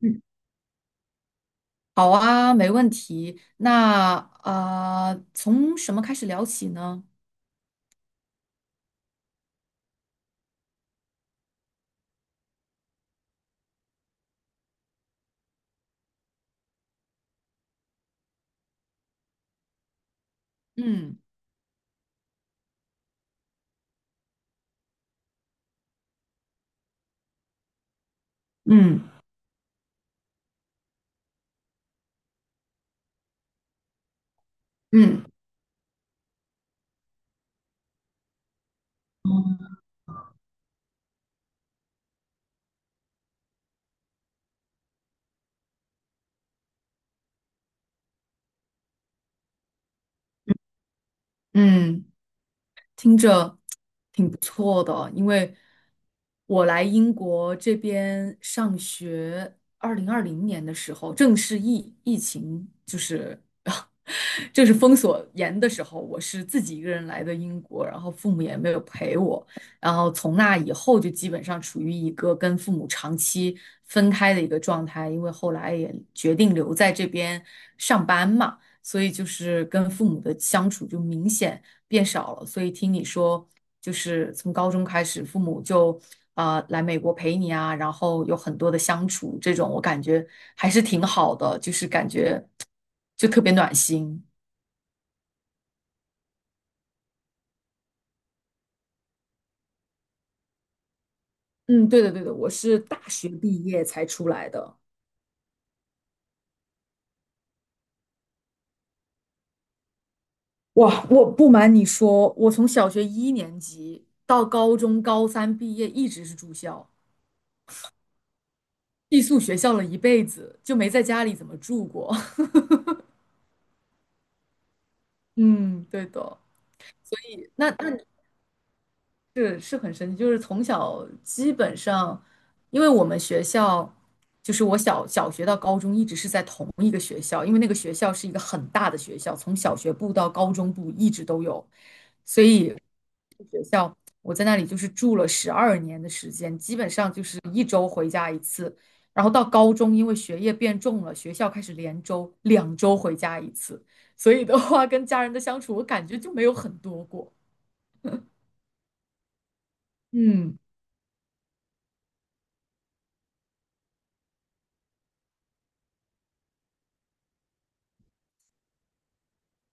嗯，好啊，没问题。那从什么开始聊起呢？嗯嗯嗯嗯，听着挺不错的，因为我来英国这边上学，2020年的时候，正是疫情就是 正是封锁严的时候，我是自己一个人来的英国，然后父母也没有陪我，然后从那以后就基本上处于一个跟父母长期分开的一个状态，因为后来也决定留在这边上班嘛。所以就是跟父母的相处就明显变少了。所以听你说，就是从高中开始，父母就啊来美国陪你啊，然后有很多的相处，这种我感觉还是挺好的，就是感觉就特别暖心。嗯，对的，对的，我是大学毕业才出来的。哇，我不瞒你说，我从小学一年级到高中高三毕业，一直是住校，寄宿学校了一辈子，就没在家里怎么住过。嗯，对的。那你是很神奇，就是从小基本上，因为我们学校就是我小学到高中一直是在同一个学校，因为那个学校是一个很大的学校，从小学部到高中部一直都有，所以学校我在那里就是住了12年的时间，基本上就是一周回家一次，然后到高中因为学业变重了，学校开始连周2周回家一次，所以的话跟家人的相处我感觉就没有很多过，嗯。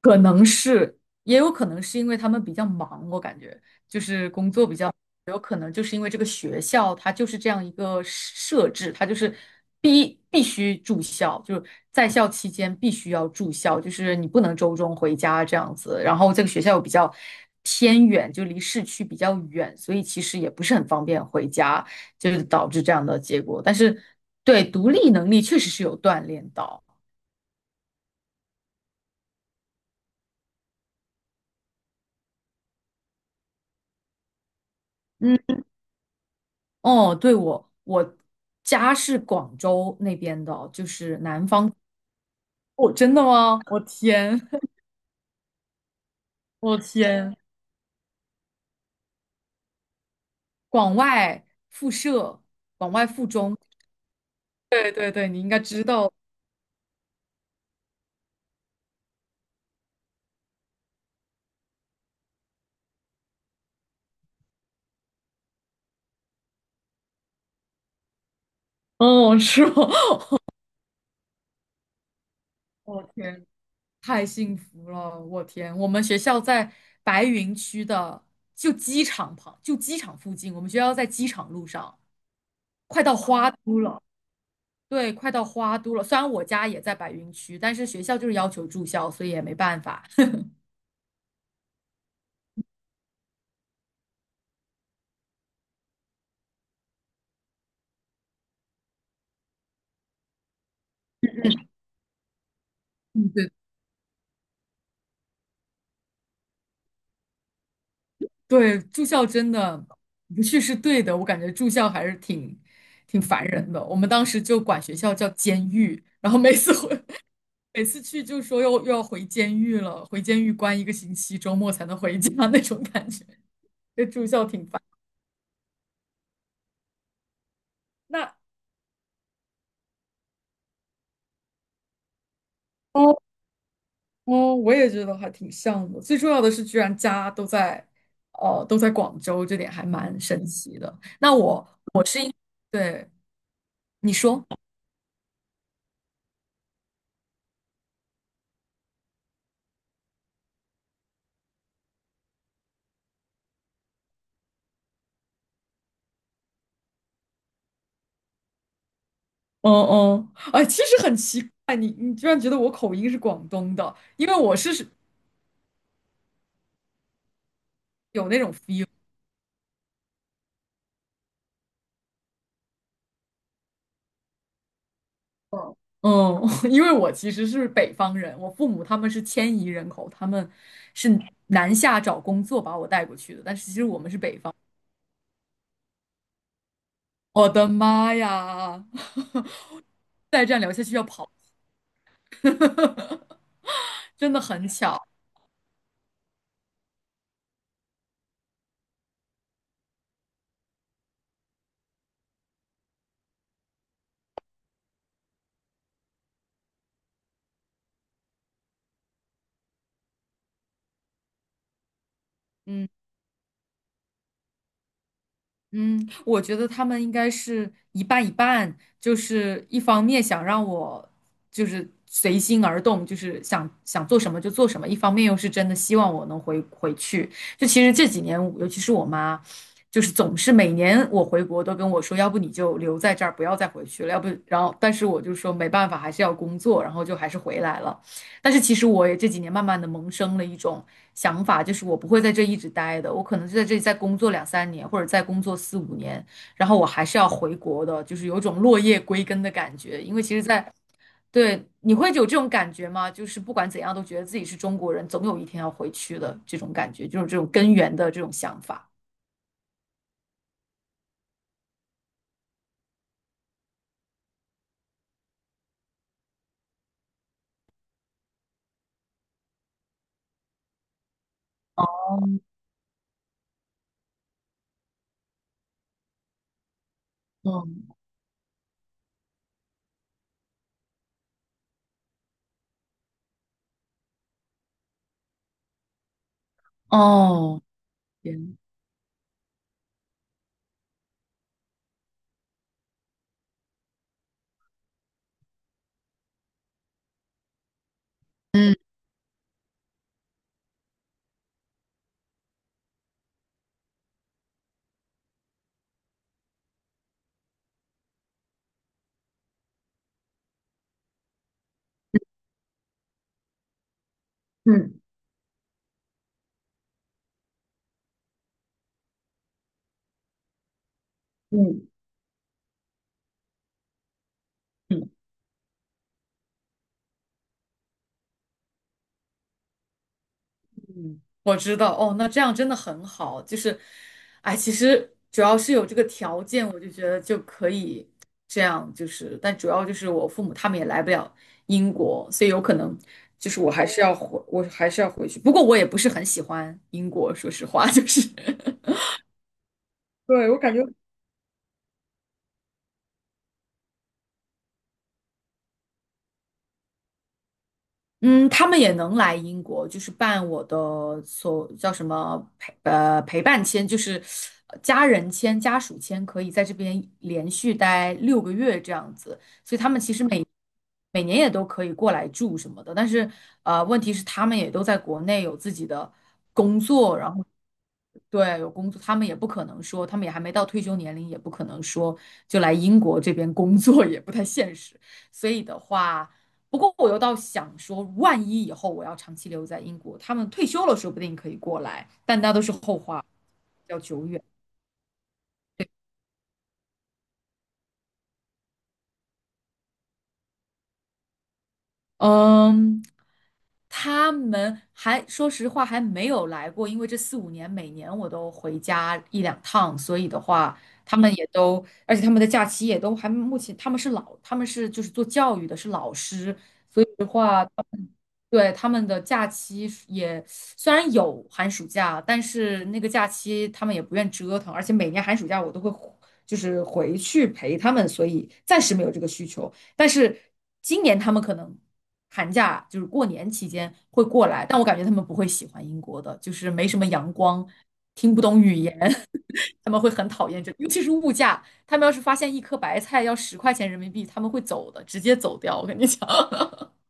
可能是，也有可能是因为他们比较忙，我感觉就是工作比较，有可能就是因为这个学校它就是这样一个设置，它就是必须住校，就是在校期间必须要住校，就是你不能周中回家这样子。然后这个学校又比较偏远，就离市区比较远，所以其实也不是很方便回家，就是导致这样的结果。但是对独立能力确实是有锻炼到。嗯。哦，对，我家是广州那边的，就是南方。哦，真的吗？我天，我天，广外附设，广外附中。对对对，你应该知道。哦，是吗？我天，太幸福了！我天，我们学校在白云区的，就机场旁，就机场附近。我们学校在机场路上，快到花都了。对，快到花都了。虽然我家也在白云区，但是学校就是要求住校，所以也没办法。嗯，对对，住校真的不去是对的，我感觉住校还是挺烦人的。我们当时就管学校叫监狱，然后每次回 每次去就说又要回监狱了，回监狱关一个星期，周末才能回家 那种感觉。这住校挺烦。那哦哦，我也觉得还挺像的。最重要的是，居然家都在哦都在广州，这点还蛮神奇的。那我对，你说。嗯嗯，哎，其实很奇怪，你居然觉得我口音是广东的，因为我是有那种 feel，嗯，嗯 因为我其实是北方人，我父母他们是迁移人口，他们是南下找工作把我带过去的，但是其实我们是北方，我的妈呀，再这样聊下去要跑，真的很巧，嗯。嗯，我觉得他们应该是一半一半，就是一方面想让我就是随心而动，就是想想做什么就做什么，一方面又是真的希望我能回去。就其实这几年，尤其是我妈，就是总是每年我回国都跟我说，要不你就留在这儿，不要再回去了，要不然后，但是我就说没办法，还是要工作，然后就还是回来了。但是其实我也这几年慢慢的萌生了一种想法，就是我不会在这一直待的，我可能就在这里再工作2、3年，或者再工作四五年，然后我还是要回国的，就是有种落叶归根的感觉。因为其实在，对，你会有这种感觉吗？就是不管怎样都觉得自己是中国人，总有一天要回去的这种感觉，就是这种根源的这种想法。哦哦，天嗯嗯嗯。嗯，我知道哦，那这样真的很好。就是，哎，其实主要是有这个条件，我就觉得就可以这样。就是，但主要就是我父母他们也来不了英国，所以有可能就是我还是要回去。不过我也不是很喜欢英国，说实话，就是 对，我感觉嗯，他们也能来英国，就是办我的所叫什么陪伴签，就是家人签、家属签，可以在这边连续待6个月这样子。所以他们其实每年也都可以过来住什么的，但是问题是他们也都在国内有自己的工作，然后对，有工作，他们也不可能说，他们也还没到退休年龄，也不可能说就来英国这边工作，也不太现实。所以的话，不过我又倒想说，万一以后我要长期留在英国，他们退休了，说不定可以过来，但那都是后话，比较久远。嗯，他们还说实话还没有来过，因为这四五年每年我都回家1、2趟，所以的话，他们也都，而且他们的假期也都还目前他们是就是做教育的，是老师，所以的话。对，他们的假期是也虽然有寒暑假，但是那个假期他们也不愿折腾，而且每年寒暑假我都会就是回去陪他们，所以暂时没有这个需求。但是今年他们可能寒假就是过年期间会过来，但我感觉他们不会喜欢英国的，就是没什么阳光，听不懂语言，他们会很讨厌这，尤其是物价，他们要是发现一颗白菜要10块钱人民币，他们会走的，直接走掉，我跟你讲。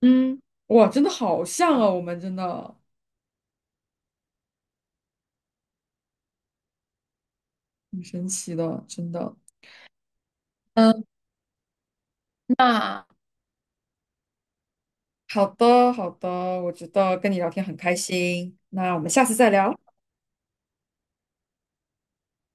嗯，哇，真的好像啊，我们真的很神奇的，真的。嗯，那好的，好的，我觉得跟你聊天很开心，那我们下次再聊。